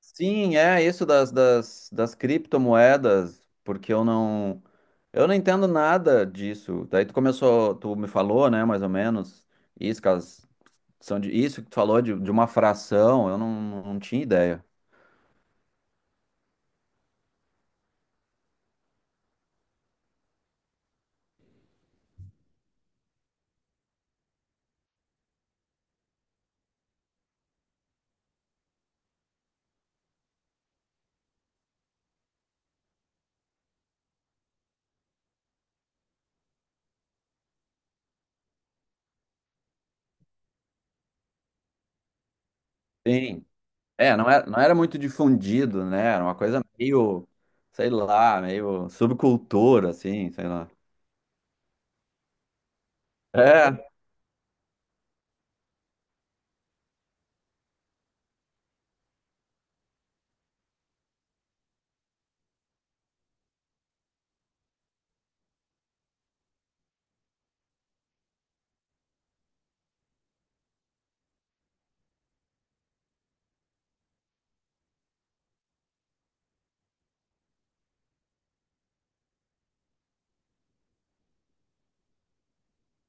Sim, é isso das criptomoedas, porque eu não entendo nada disso. Daí tu começou, tu me falou, né, mais ou menos, isso, que elas são de, isso que tu falou de uma fração, eu não tinha ideia. Sim, é, não era muito difundido, né? Era uma coisa meio, sei lá, meio subcultura, assim, sei lá. É,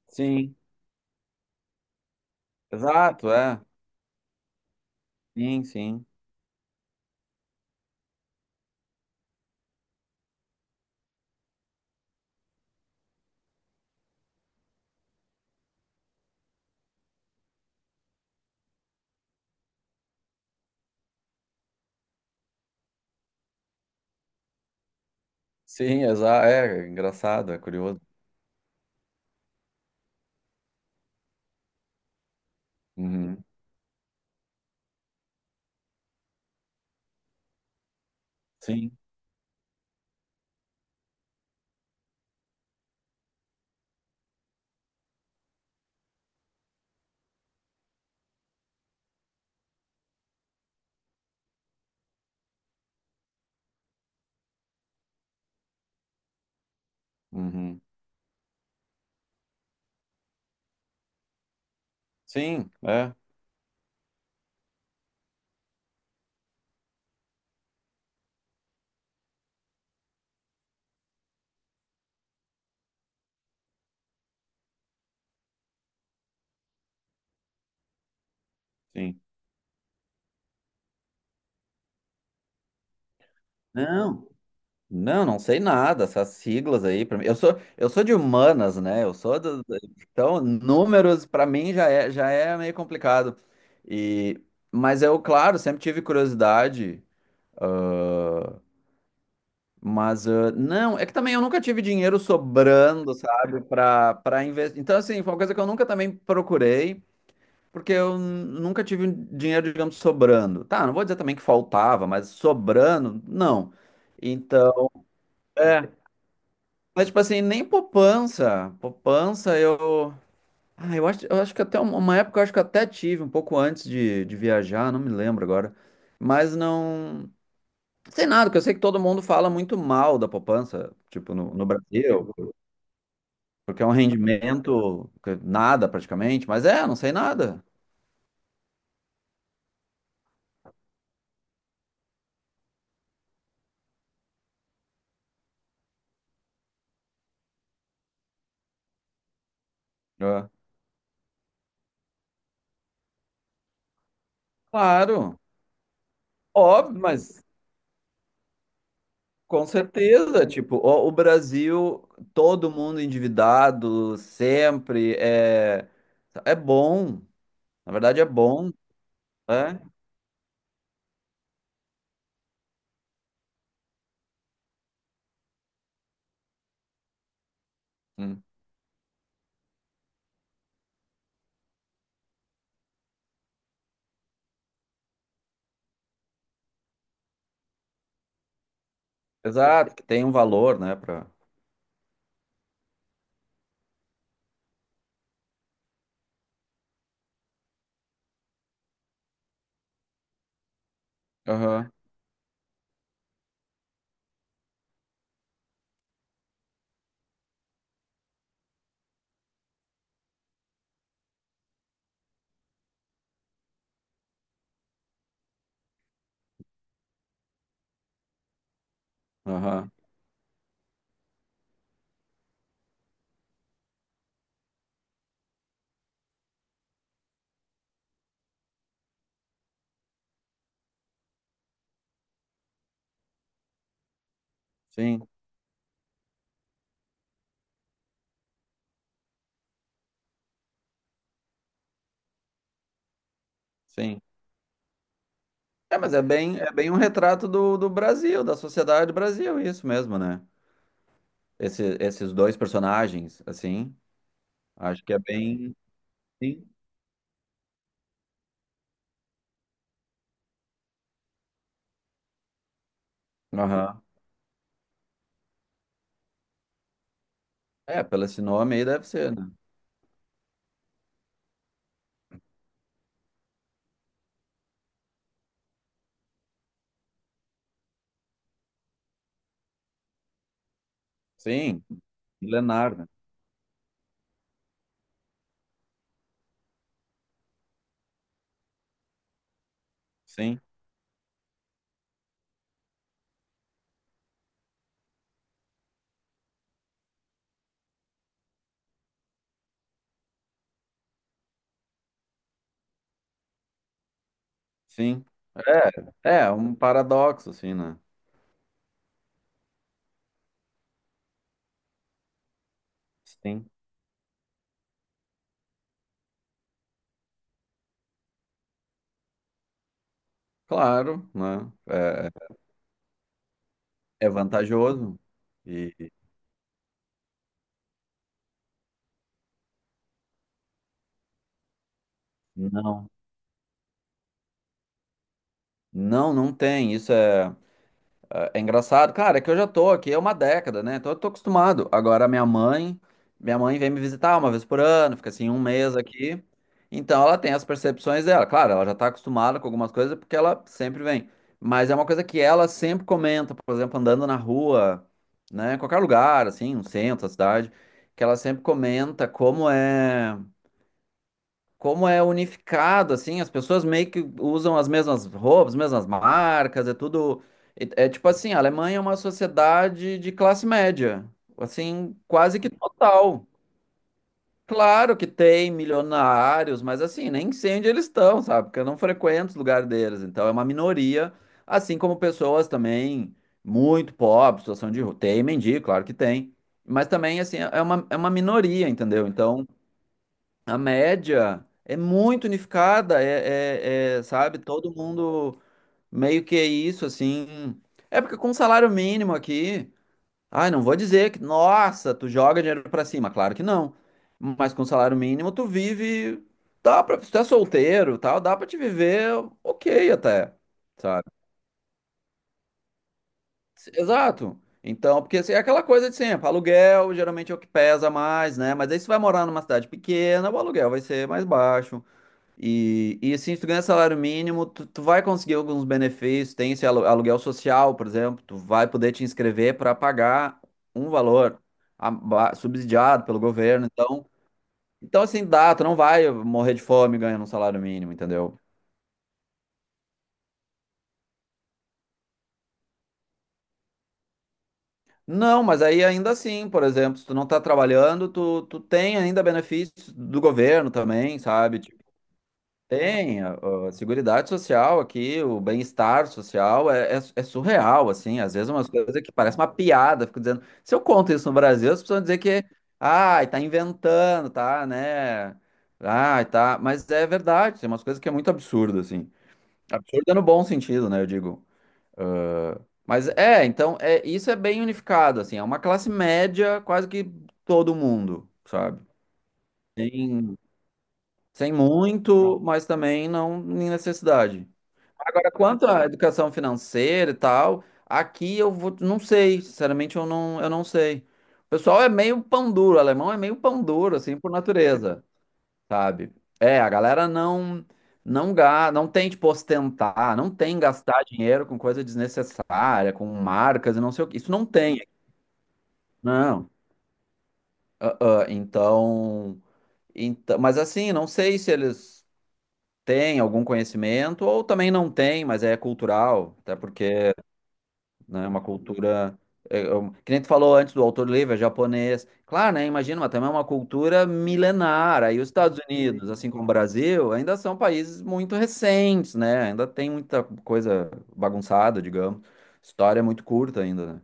sim, exato, é. Sim, sim. Sim, exato, é engraçado, é curioso. Uhum. Sim. Uhum. Sim, é, sim. Não. Não, não sei nada, essas siglas aí, pra mim. Eu sou de humanas, né? Eu sou do- então números pra mim já é meio complicado. E mas eu, claro, sempre tive curiosidade, ah, mas ah, não, é que também eu nunca tive dinheiro sobrando, sabe, para investir. Então assim, foi uma coisa que eu nunca também procurei. Porque eu nunca tive um dinheiro, digamos, sobrando. Tá, não vou dizer também que faltava, mas sobrando, não. Então, é. Mas, tipo assim, nem poupança. Poupança, eu. Ah, eu acho que até uma época eu acho que eu até tive, um pouco antes de viajar, não me lembro agora. Mas não. Sei nada, porque eu sei que todo mundo fala muito mal da poupança, tipo, no Brasil, porque é um rendimento que nada praticamente, mas é, não sei nada. É. Claro. Óbvio, mas com certeza, tipo, o Brasil, todo mundo endividado, sempre é, é bom, na verdade é bom, né? Hum. Exato, que tem um valor, né, pra... Aham, aham, sim, sim. É, mas é bem um retrato do Brasil, da sociedade do Brasil, isso mesmo, né? Esse, esses dois personagens, assim, acho que é bem, sim, aham. É, pelo esse nome aí deve ser, né? Sim, milenar, né? Sim. Sim. É, é um paradoxo, assim, né? Sim. Claro, né? É, é vantajoso. E não, não, não tem. Isso é. Ah, é engraçado, cara, é que eu já tô aqui há uma década, né? Então eu tô acostumado. Agora minha mãe vem me visitar uma vez por ano, fica assim um mês aqui. Então ela tem as percepções dela. Claro, ela já tá acostumada com algumas coisas porque ela sempre vem. Mas é uma coisa que ela sempre comenta, por exemplo, andando na rua, né? Em qualquer lugar, assim, no centro, da cidade, que ela sempre comenta como é unificado, assim, as pessoas meio que usam as mesmas roupas, as mesmas marcas, é tudo. É, é tipo assim, a Alemanha é uma sociedade de classe média, assim, quase que total. Claro que tem milionários, mas assim, nem sei onde eles estão, sabe? Porque eu não frequento os lugares deles, então é uma minoria, assim como pessoas também muito pobres, situação de rua. Tem mendigo, claro que tem. Mas também, assim, é uma minoria, entendeu? Então, a média é muito unificada, é, sabe? Todo mundo meio que é isso, assim. É porque com salário mínimo aqui, ai, não vou dizer que, nossa, tu joga dinheiro pra cima, claro que não. Mas com salário mínimo tu vive, dá pra, se tu é solteiro, e tal, dá pra te viver ok até, sabe? Exato. Então, porque assim, é aquela coisa de sempre, aluguel geralmente é o que pesa mais, né? Mas aí se vai morar numa cidade pequena, o aluguel vai ser mais baixo. E assim, se tu ganha salário mínimo, tu vai conseguir alguns benefícios. Tem esse aluguel social, por exemplo, tu vai poder te inscrever para pagar um valor subsidiado pelo governo. Então, assim, dá, tu não vai morrer de fome ganhando um salário mínimo, entendeu? Não, mas aí ainda assim, por exemplo, se tu não tá trabalhando, tu tem ainda benefícios do governo também, sabe? Tem, a Seguridade Social aqui, o bem-estar social é surreal, assim, às vezes umas coisas que parecem uma piada, fico dizendo, se eu conto isso no Brasil, as pessoas vão dizer que, ai, tá inventando, tá, né, ai, tá, mas é verdade, tem umas coisas que é muito absurdo, assim, absurdo é no bom sentido, né, eu digo, mas é, então, é, isso é bem unificado, assim, é uma classe média quase que todo mundo, sabe, sem, sem muito, mas também não em necessidade. Agora, quanto à educação financeira e tal, aqui eu vou, não sei, sinceramente eu não sei. O pessoal é meio pão duro, o alemão é meio pão duro, assim, por natureza, sabe? É, a galera não tem, tipo, ostentar, não tem gastar dinheiro com coisa desnecessária, com marcas e não sei o que. Isso não tem, não. Ah, então, então, mas assim, não sei se eles têm algum conhecimento ou também não têm, mas é cultural, até porque né? Uma cultura. Que nem tu falou antes do autor livre, é japonês. Claro, né? Imagina, mas também é uma cultura milenar. Aí os Estados Unidos, assim como o Brasil, ainda são países muito recentes, né? Ainda tem muita coisa bagunçada, digamos. História é muito curta ainda, né?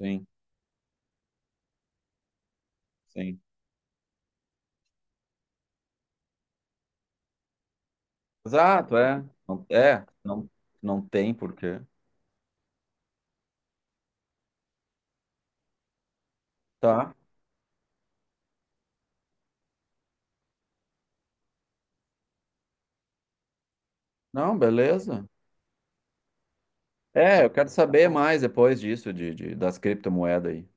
Sim, sim. Exato, é. É, não, não tem porquê. Tá. Não, beleza. É, eu quero saber mais depois disso, das criptomoedas aí.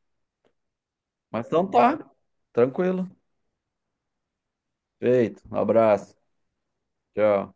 Mas então tá, tranquilo. Feito, um abraço. Tchau.